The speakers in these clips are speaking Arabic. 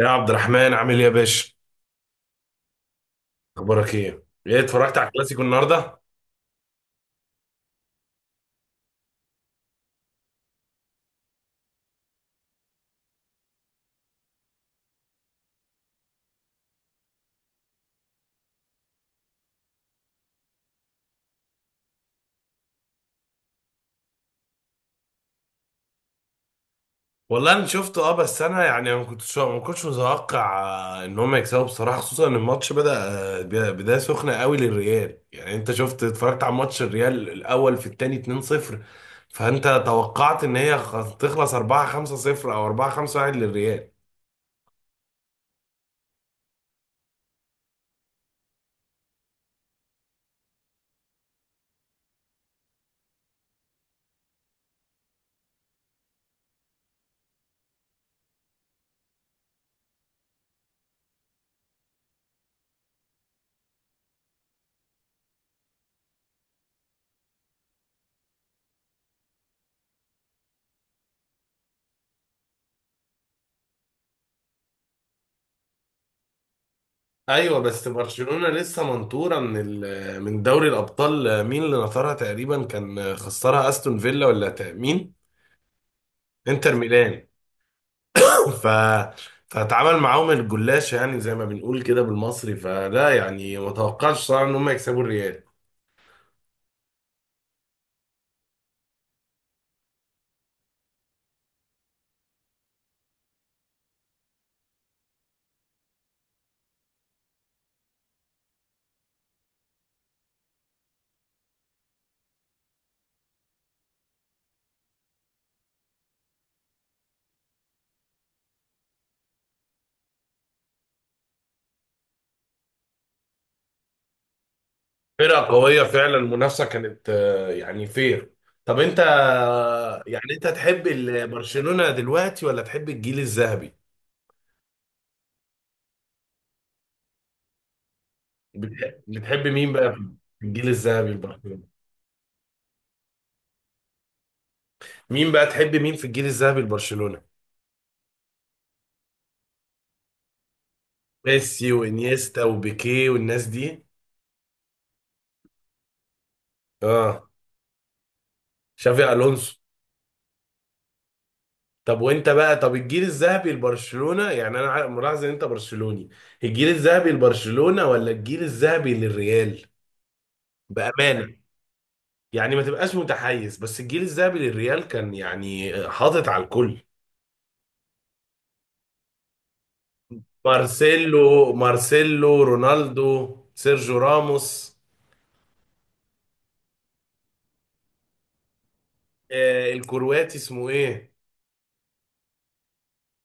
يا عبد الرحمن، عامل ايه يا باشا؟ اخبارك ايه؟ ايه، اتفرجت على الكلاسيكو النهارده؟ والله انا شفته، اه، بس انا يعني ما كنتش متوقع ان هم يكسبوا، بصراحه خصوصا ان الماتش بدايه سخنه قوي للريال. يعني انت شفت، اتفرجت على ماتش الريال الاول في الثاني 2-0؟ فانت توقعت ان هي تخلص 4-5-0 او 4-5-1 للريال. ايوه، بس برشلونه لسه منطوره من دوري الابطال. مين اللي نطرها؟ تقريبا كان خسرها استون فيلا، ولا مين؟ انتر ميلان. ف فاتعامل معاهم الجلاش، يعني زي ما بنقول كده بالمصري. فلا يعني ما توقعش صراحه ان هم يكسبوا الريال. فرقه قويه فعلا، المنافسه كانت يعني فير. طب انت يعني انت تحب برشلونه دلوقتي ولا تحب الجيل الذهبي؟ بتحب مين بقى في الجيل الذهبي لبرشلونه؟ مين بقى، تحب مين في الجيل الذهبي لبرشلونه؟ ميسي وانيستا وبيكيه والناس دي. اه. شافي الونسو. طب وانت بقى، طب الجيل الذهبي لبرشلونة، يعني ملاحظ ان انت برشلوني. الجيل الذهبي لبرشلونة ولا الجيل الذهبي للريال؟ بأمانة، يعني ما تبقاش متحيز. بس الجيل الذهبي للريال كان يعني حاطط على الكل. مارسيلو، مارسيلو رونالدو، سيرجيو راموس. آه الكرواتي اسمه ايه؟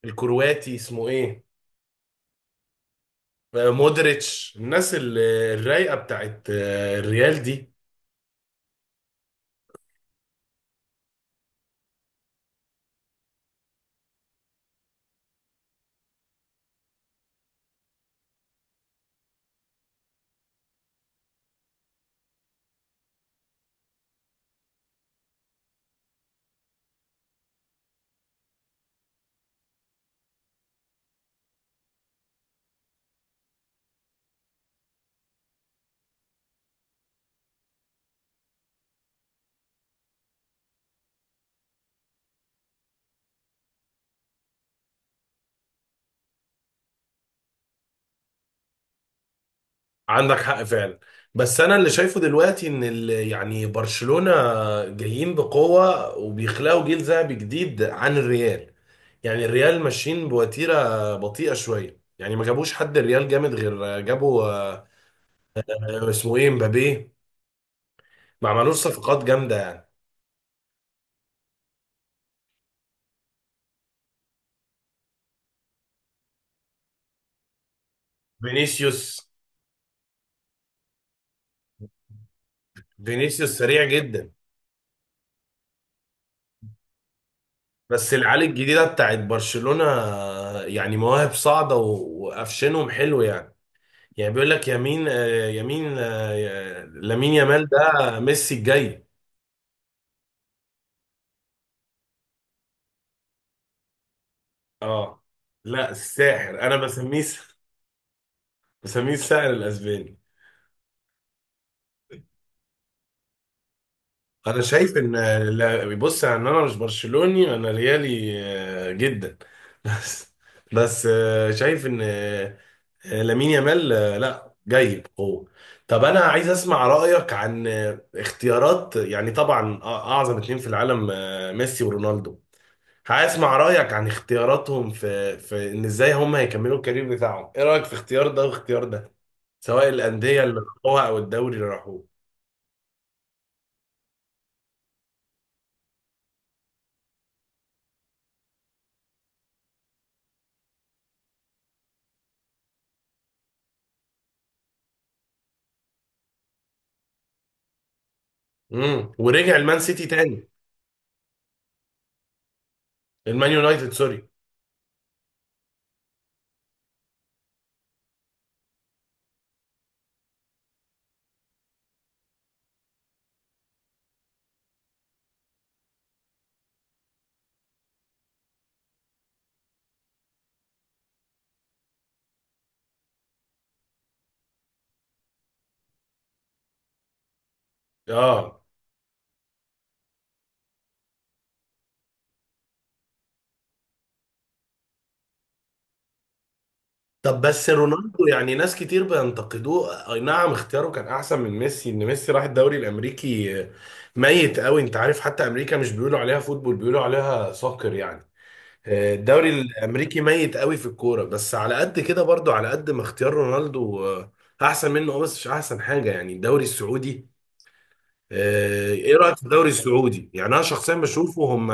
الكرواتي اسمه ايه؟ آه مودريتش. الناس الرايقة بتاعت آه الريال دي. عندك حق فعلا. بس انا اللي شايفه دلوقتي ان يعني برشلونة جايين بقوة وبيخلقوا جيل ذهبي جديد عن الريال. يعني الريال ماشيين بوتيرة بطيئة شوية، يعني ما جابوش حد الريال جامد غير جابوا اسمه ايه، مبابي. ما عملوش صفقات جامدة يعني. فينيسيوس. فينيسيوس سريع جدا. بس العيال الجديدة بتاعت برشلونة يعني مواهب صاعدة وقفشنهم حلو يعني. يعني بيقول لك يمين لامين يامال ده ميسي الجاي. اه. لا الساحر، انا بسميه الساحر الاسباني. انا شايف ان بص، يعني انا مش برشلوني، انا ريالي جدا. بس، شايف ان لامين يامال لا جاي بقوه. طب انا عايز اسمع رايك عن اختيارات، يعني طبعا اعظم اتنين في العالم، ميسي ورونالدو. هسمع رأيك عن اختياراتهم في ان ازاي هم هيكملوا الكارير بتاعهم. ايه رأيك في اختيار ده واختيار ده، سواء الأندية اللي راحوها او الدوري اللي راحوه؟ امم، ورجع المان سيتي تاني، المان يونايتد، سوري. اه. طب بس رونالدو يعني ناس كتير بينتقدوه. اي نعم اختياره كان احسن من ميسي، ان ميسي راح الدوري الامريكي ميت قوي. انت عارف حتى امريكا مش بيقولوا عليها فوتبول، بيقولوا عليها سوكر يعني. الدوري الامريكي ميت قوي في الكوره. بس على قد كده برضو، على قد ما اختيار رونالدو احسن منه بس مش احسن حاجه يعني الدوري السعودي. ايه رايك في الدوري السعودي؟ يعني انا شخصيا بشوفه هم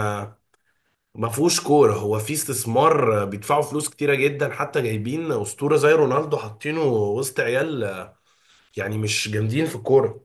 ما فيهوش كوره. هو في استثمار بيدفعوا فلوس كتيره جدا حتى جايبين اسطوره زي رونالدو حاطينه وسط عيال يعني مش جامدين في الكوره.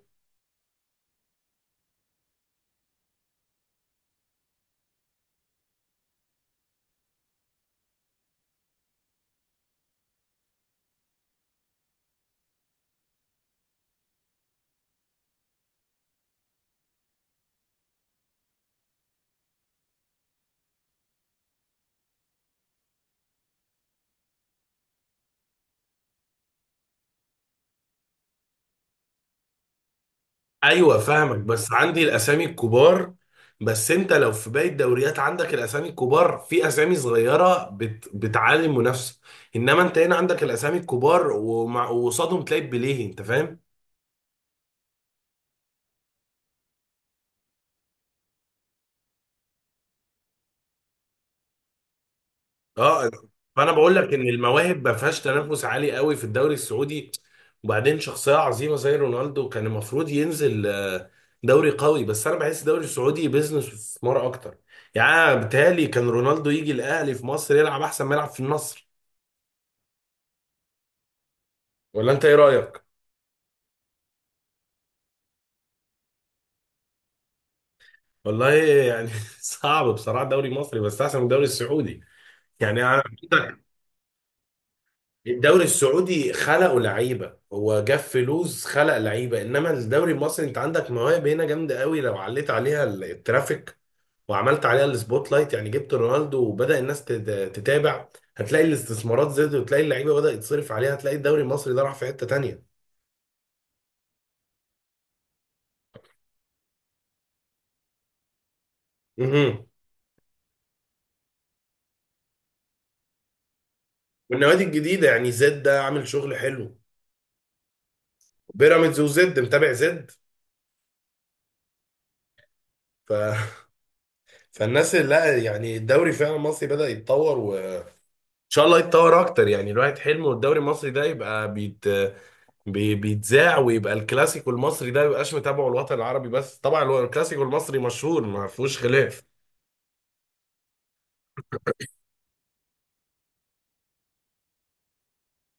ايوه فاهمك، بس عندي الاسامي الكبار. بس انت لو في باقي الدوريات عندك الاسامي الكبار، في اسامي صغيره بت... بتعلي المنافسه. انما انت هنا عندك الاسامي الكبار ومع... وقصادهم تلاقي بليه، انت فاهم. اه. فانا بقول لك ان المواهب ما فيهاش تنافس عالي قوي في الدوري السعودي. وبعدين شخصيه عظيمه زي رونالدو كان المفروض ينزل دوري قوي، بس انا بحس الدوري السعودي بيزنس واستثمار اكتر. يعني أنا بيتهيألي كان رونالدو يجي الاهلي في مصر يلعب احسن ما يلعب في النصر. ولا انت ايه رايك؟ والله يعني صعب بصراحه الدوري المصري، بس احسن من الدوري السعودي. يعني أنا-. الدوري السعودي خلقوا لعيبه، هو جاب فلوس خلق لعيبه، انما الدوري المصري انت عندك مواهب هنا جامده قوي. لو عليت عليها الترافيك وعملت عليها السبوت لايت، يعني جبت رونالدو وبدا الناس تتابع، هتلاقي الاستثمارات زادت وتلاقي اللعيبه بدات تصرف عليها، هتلاقي الدوري المصري ده راح في حته تانيه. مهم. والنوادي الجديده يعني، زد ده عامل شغل حلو. بيراميدز وزد، متابع زد. ف فالناس، لا يعني الدوري فعلا المصري بدأ يتطور، وان شاء الله يتطور اكتر. يعني الواحد حلمه الدوري المصري ده يبقى بيتذاع ويبقى الكلاسيكو المصري ده ميبقاش متابعه الوطن العربي بس، طبعا هو الكلاسيكو المصري مشهور ما فيهوش خلاف.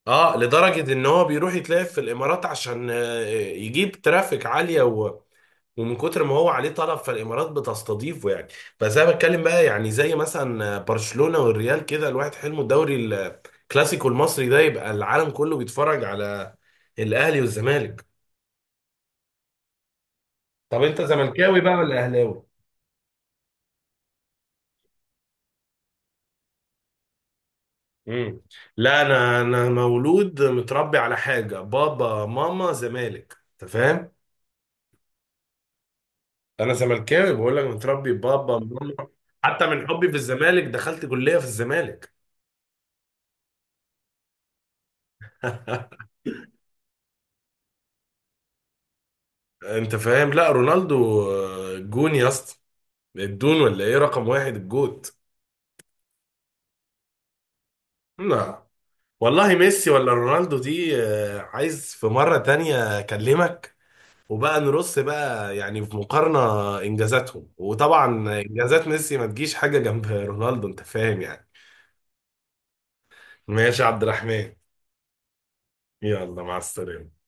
اه، لدرجة ان هو بيروح يتلعب في الامارات عشان يجيب ترافيك عالية و...، ومن كتر ما هو عليه طلب فالامارات بتستضيفه يعني. بس انا بتكلم بقى، يعني زي مثلا برشلونة والريال كده، الواحد حلمه الدوري، الكلاسيكو المصري ده يبقى العالم كله بيتفرج على الاهلي والزمالك. طب انت زملكاوي بقى ولا اهلاوي؟ امم. لا، انا مولود متربي على حاجه، بابا ماما زمالك، انت فاهم. انا زملكاوي بقول لك، متربي بابا ماما. حتى من حبي في الزمالك دخلت كليه في الزمالك. انت فاهم، لا رونالدو جون يا اسطى، الدون، ولا ايه رقم واحد الجوت. نعم. والله ميسي ولا رونالدو دي عايز في مرة تانية اكلمك وبقى نرص بقى يعني في مقارنة انجازاتهم. وطبعا انجازات ميسي ما تجيش حاجة جنب رونالدو، انت فاهم يعني. ماشي يا عبد الرحمن. يلا، مع السلامة.